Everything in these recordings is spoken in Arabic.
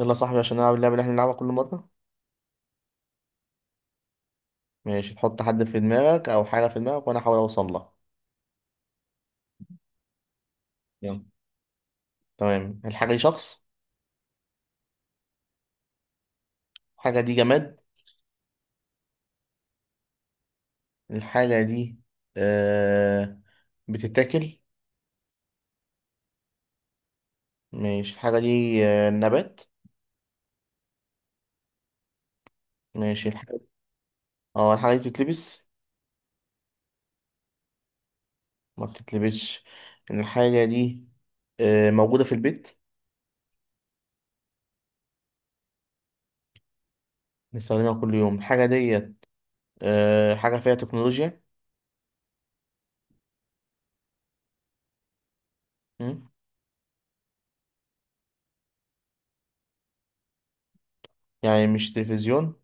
يلا يا صاحبي عشان نلعب اللعبة اللي احنا بنلعبها كل مرة. ماشي، تحط حد في دماغك أو حاجة في دماغك وأنا أحاول أوصل لها. يلا. تمام، الحاجة دي شخص؟ الحاجة دي جماد؟ الحاجة دي آه بتتاكل؟ ماشي، الحاجة دي نبات؟ ماشي الحاجة دي بتتلبس؟ ما بتتلبسش. الحاجة دي موجودة في البيت؟ بنستخدمها كل يوم. الحاجة دي حاجة فيها تكنولوجيا؟ مم. يعني مش تلفزيون.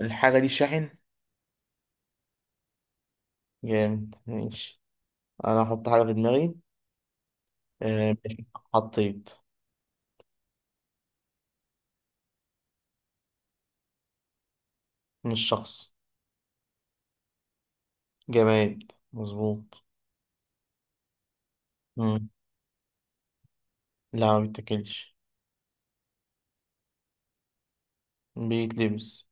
الحاجة دي شاحن؟ جامد ماشي. انا احط حاجة في دماغي. آه، ماشي. حطيت. مش شخص. جماد مظبوط. مم. لا، ما بيتاكلش. بيتلبس.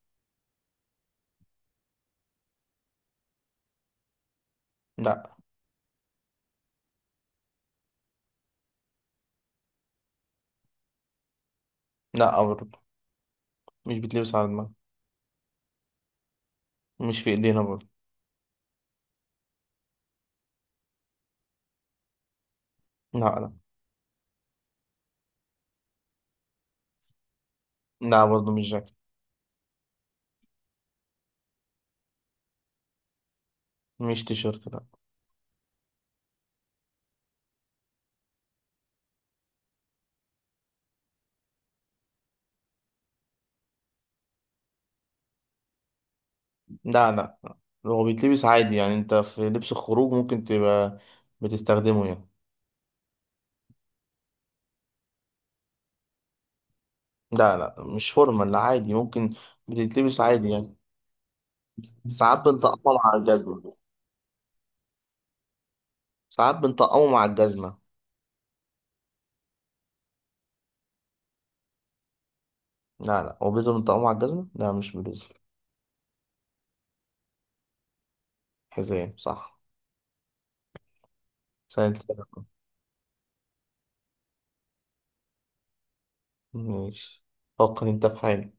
لا. لا برضه، مش بيتلبس على دماغ. مش في ايدينا برضه. لا لا. لا برضه مش جاكيت. مش تيشيرت، لا. لا لا لا. هو بيتلبس عادي، يعني انت في لبس الخروج ممكن تبقى بتستخدمه يعني. لا لا، مش فورمال، لا عادي ممكن. بتتلبس عادي يعني. ساعات بنطقمه مع الجزمة. ساعات بنطقمه مع الجزمة. لا لا، هو بيزل متقطع مع الجزمة؟ لا مش بيزل. حزام، صح. سنة كده. ماشي. فكر انت في حاجة.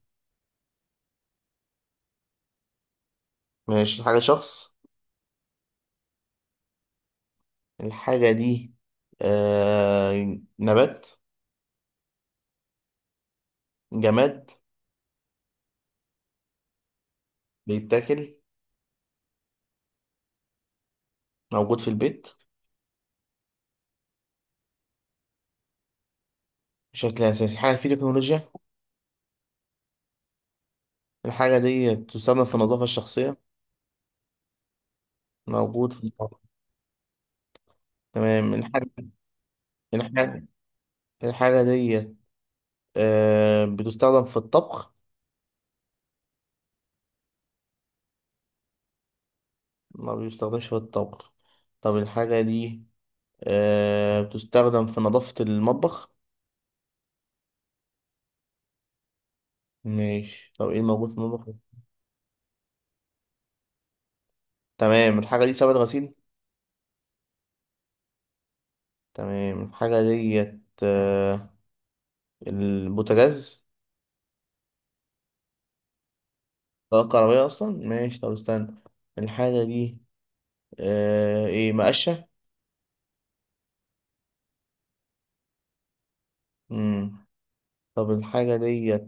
ماشي، الحاجة شخص؟ الحاجة دي نبات؟ جماد. بيتاكل؟ موجود في البيت بشكل أساسي. حاجة في تكنولوجيا؟ الحاجة دي تستخدم في النظافة الشخصية؟ موجود في الطبخ. تمام، الحاجة الحاجة دي بتستخدم في الطبخ؟ ما بيستخدمش في الطبخ. طب الحاجة دي بتستخدم في نظافة المطبخ؟ ماشي، طب ايه الموجود في المطبخ؟ تمام، الحاجة دي سبت غسيل؟ تمام الحاجة ديت البوتاجاز؟ طاقة كهربائية أصلا. ماشي، طب استنى. الحاجة دي ايه، مقشة؟ مم. طب الحاجة ديت.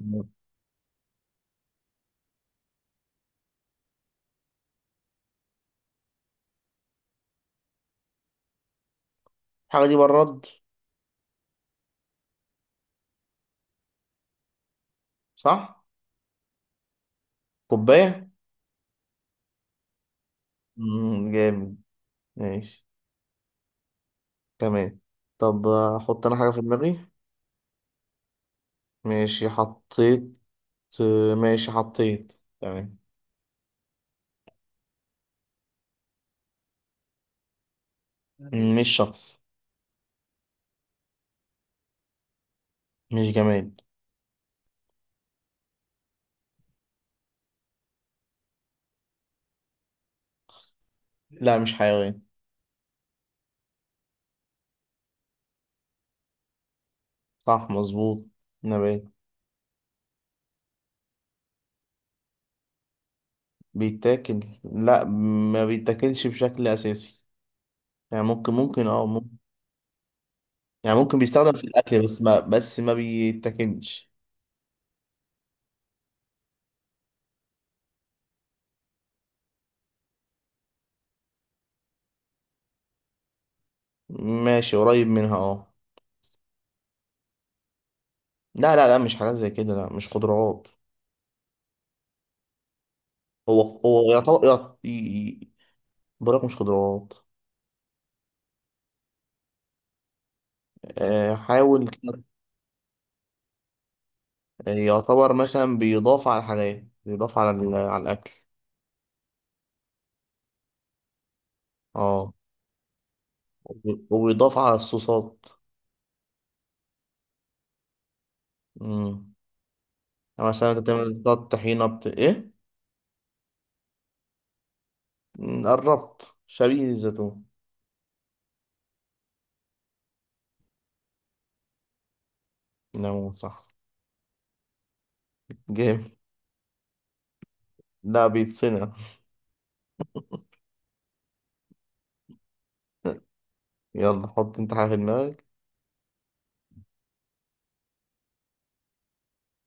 الحاجة دي براد؟ صح. كوباية. مم. جامد. ماشي. تمام. طب أحط أنا حاجة في دماغي. ماشي حطيت. آه، ماشي حطيت. تمام. مش شخص. مش جماد. لا مش حيوان. صح مظبوط، نبات. بيتاكل؟ لا، ما بيتاكلش بشكل اساسي. يعني ممكن. يعني ممكن بيستخدم في الاكل، بس ما بيتاكلش. ماشي قريب منها، اه. لا لا لا، مش حاجات زي كده، لا مش خضروات. هو هو يعتبر ي- براك مش خضروات. آه، حاول كده. آه، يعتبر مثلا بيضاف على الحاجات، على الاكل. اه. وبيضاف على الصوصات. مم. مثلا انت تعمل بتاع الطحينة ايه. مم، قربت شبيه الزيتون. نعم صح. جامد. لا بيتصنع. يلا حط انت حاجة في دماغك.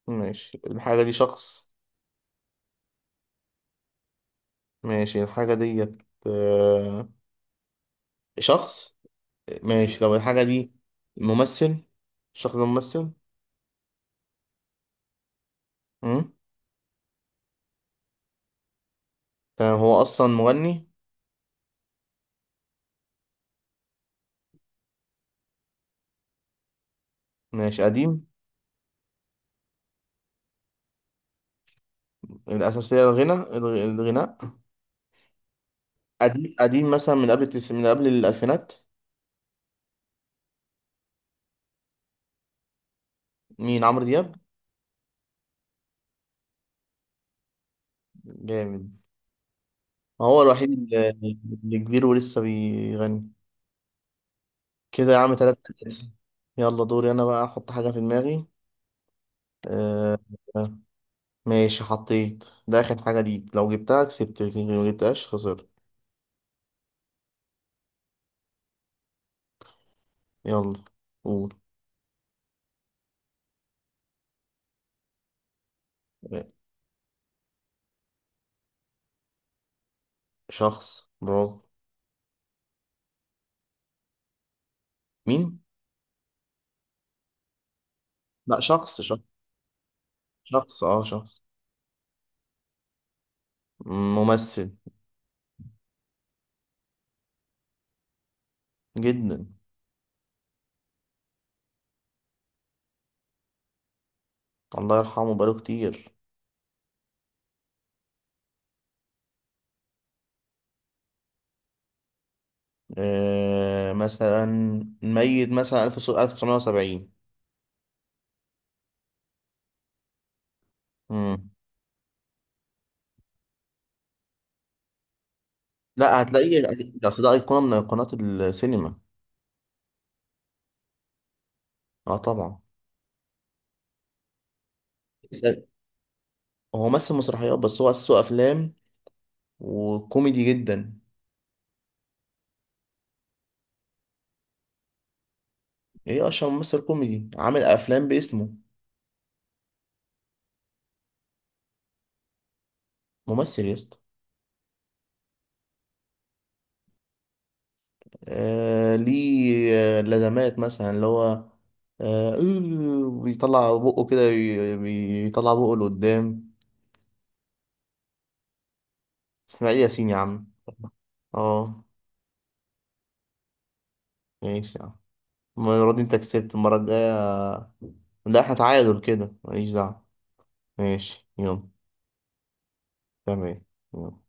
ماشي، الحاجة دي شخص؟ ماشي الحاجة ديت آه، شخص. ماشي، لو الحاجة دي ممثل؟ الشخص ده ممثل. مم. تمام، هو أصلا مغني. ماشي قديم. الأساسية الغنى، الغناء. قديم قديم مثلا من قبل من قبل الألفينات. مين، عمرو دياب؟ جامد. ما هو الوحيد اللي كبير ولسه بيغني. كده يا عم، تلاتة تلاتة. يلا دوري أنا بقى، أحط حاجة في دماغي. آه. آه، ماشي حطيت. ده آخر حاجة ليك، لو جبتها كسبت لكن لو جبتهاش خسرت. يلا، قول. آه، شخص، برافو. مين؟ لا، شخص شخص. شخص شخص. ممثل. جدا. الله يرحمه بقاله كتير. مثلا ميت مثلا 1970. لا، هتلاقيه. ده أيقونة من أيقونات السينما. اه طبعا. بس، هو مثل مسرحيات بس هو أساسه أفلام، وكوميدي جدا. ايه، أشهر ممثل كوميدي عامل أفلام باسمه. ممثل يا اسطى. آه ليه، لازمات مثلا اللي هو إيه، بيطلع بقه كده بيطلع بقه لقدام. إسماعيل ياسين يا عم. اه. ماشي يا عم. المرة دي انت كسبت. المرة الجاية، لا احنا تعادل كده ماليش دعوة. ماشي يلا. تمام. تمام.